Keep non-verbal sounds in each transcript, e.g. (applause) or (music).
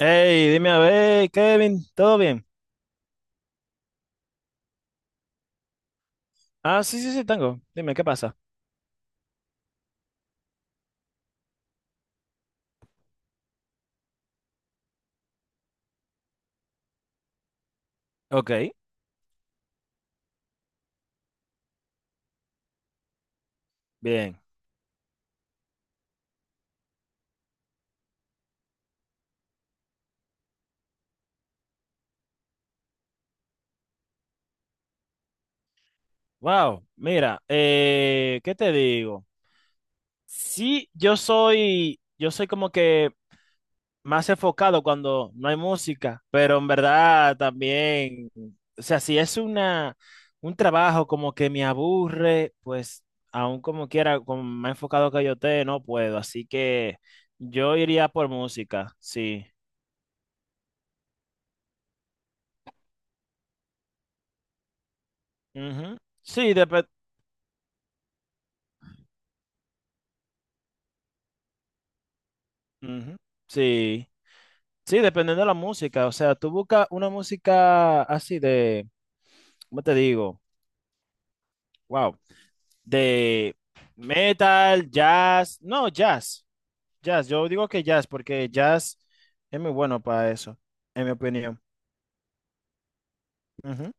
Hey, dime a ver, Kevin, ¿todo bien? Ah, sí, sí, sí, tengo. Dime, ¿qué pasa? Ok, bien. Wow, mira, ¿qué te digo? Sí, yo soy como que más enfocado cuando no hay música, pero en verdad también, o sea, si es un trabajo como que me aburre, pues aún como quiera, como más enfocado que yo te, no puedo, así que yo iría por música, sí. Ujú. Sí. Ujú. Sí, sí, dependiendo de la música. O sea, tú buscas una música así de, ¿cómo te digo? Wow, de metal, jazz. No, jazz, jazz. Yo digo que jazz porque jazz es muy bueno para eso, en mi opinión. Ujú.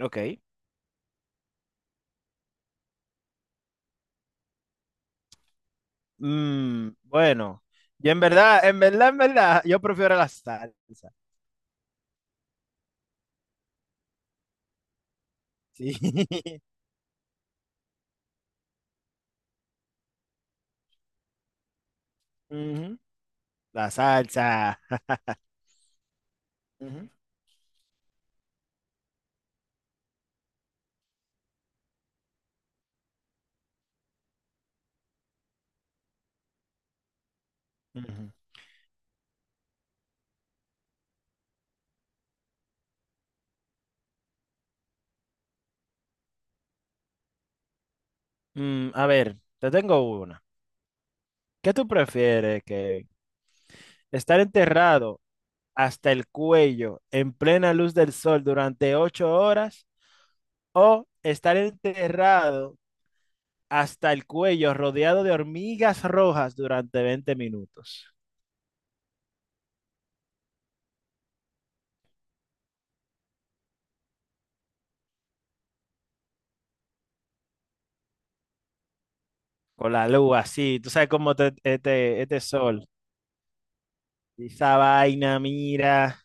Ok. Mm, bueno, y en verdad, en verdad, en verdad, yo prefiero la salsa. Sí. (laughs) Ujú. La salsa. Ujú, ujú. Mm, a ver, te tengo una. ¿Qué tú prefieres, que estar enterrado hasta el cuello en plena luz del sol durante 8 horas o estar enterrado hasta el cuello rodeado de hormigas rojas durante 20 minutos? Con la luz así, tú sabes cómo este sol, esa vaina, mira.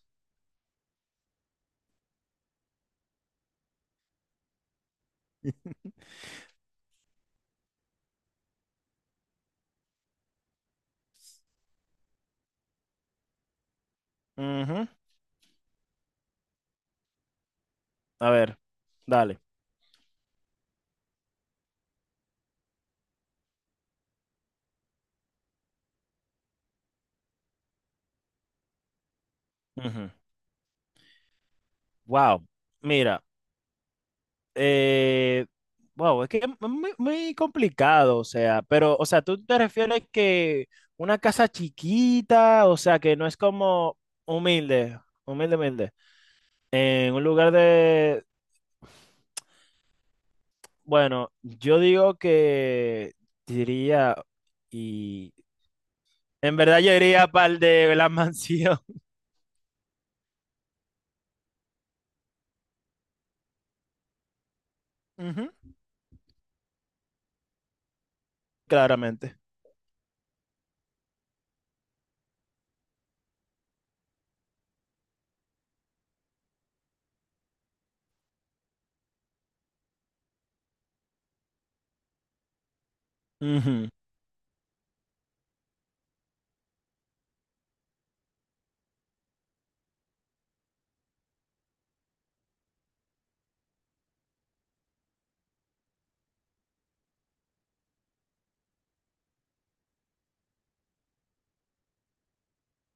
Ujú. A ver, dale. Ujú. Wow, mira. Eh, wow, es que es muy, muy complicado, o sea, pero, o sea, tú te refieres que una casa chiquita, o sea, que no es como humilde, humilde, humilde, en un lugar de, bueno, yo digo que diría, y en verdad yo iría para el de la mansión. (laughs) Ujú, claramente. Ujú.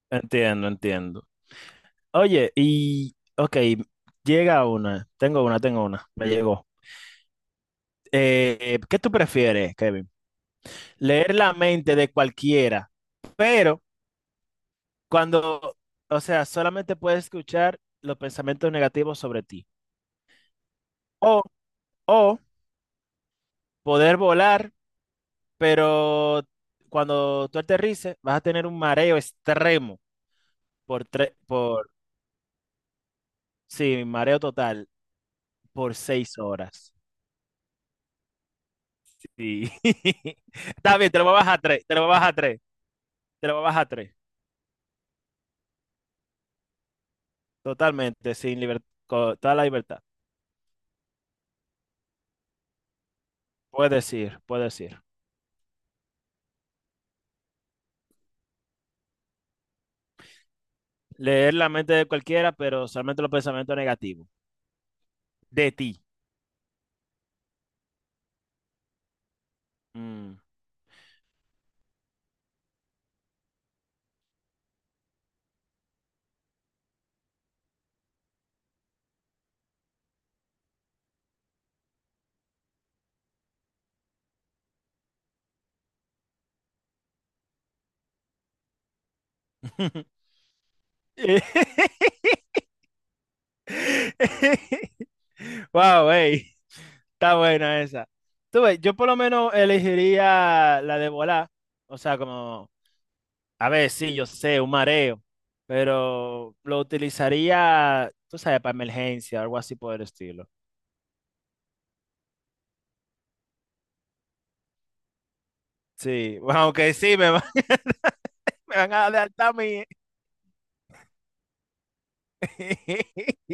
Entiendo, entiendo. Oye, y, ok, llega una, tengo una, me llegó. ¿Qué tú prefieres, Kevin? Leer la mente de cualquiera, pero cuando, o sea, solamente puedes escuchar los pensamientos negativos sobre ti. O, o poder volar, pero cuando tú aterrices vas a tener un mareo extremo por tres, por, sí, mareo total por 6 horas. Sí. (laughs) Está bien, te lo voy a bajar a tres, te lo voy a bajar a tres, te lo voy a bajar a tres. Totalmente, sin libertad, toda la libertad. Puedes ir, puedes ir. Leer la mente de cualquiera, pero solamente los pensamientos negativos. De ti. Mm. (laughs) Wow, ey, está buena esa. Tú ves, yo por lo menos elegiría la de volar. O sea, como, a ver, sí, yo sé, un mareo, pero lo utilizaría, tú sabes, para emergencia, algo así por el estilo. Sí, (laughs) bueno, aunque sí, me van, (laughs) me van a adelantar a mí. (laughs)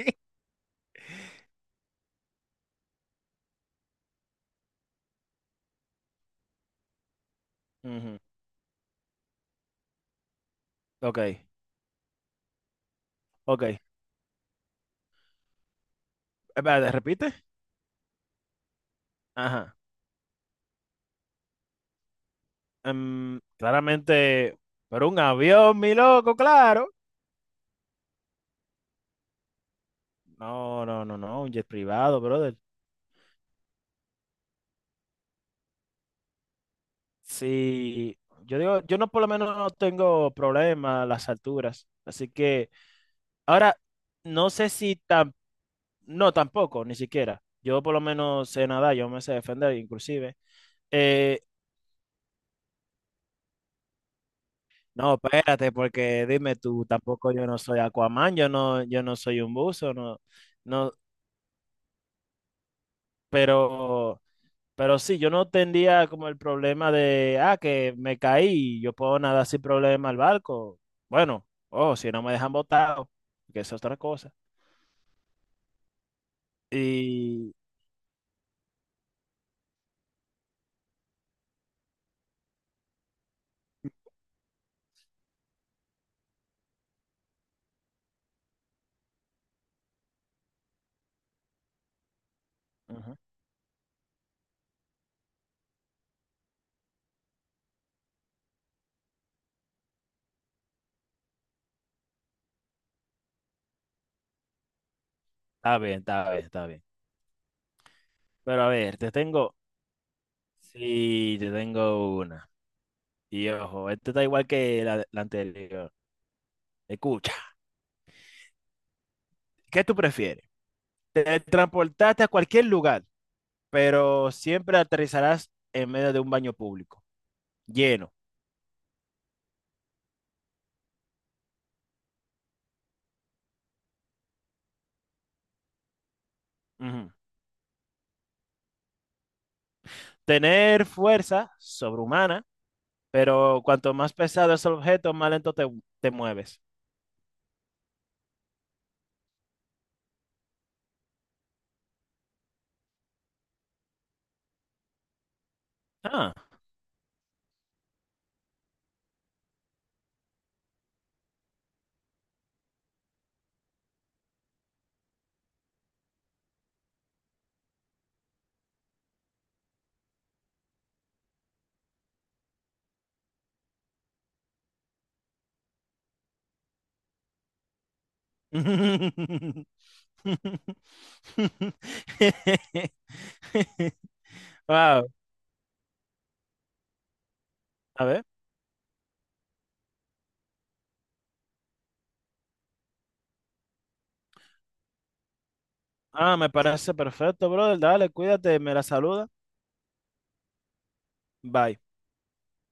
Ujú, ok, ok. Espérate, repite. Ajá. Claramente, pero un avión, mi loco, claro. No, no, no, no, un jet privado, brother. Sí, yo digo, yo no por lo menos no tengo problema a las alturas. Así que, ahora, no sé si tan, no, tampoco, ni siquiera. Yo por lo menos sé nadar, yo me sé defender, inclusive. Eh, no, espérate, porque dime tú, tampoco yo no soy Aquaman, yo no soy un buzo, no, no, pero. Pero sí, yo no tendría como el problema de, ah, que me caí, yo puedo nadar sin problema al barco. Bueno, oh, si no me dejan botado, que es otra cosa. Y ujú, está bien, está bien, está bien. Pero a ver, te tengo, sí, te tengo una. Y ojo, este está igual que la anterior. Escucha, ¿qué tú prefieres? Te transportaste a cualquier lugar, pero siempre aterrizarás en medio de un baño público, lleno. Ujú. Tener fuerza sobrehumana, pero cuanto más pesado es el objeto, más lento te mueves. Ah. (laughs) Wow. A ver. Ah, me parece perfecto, brother. Dale, cuídate, me la saluda. Bye.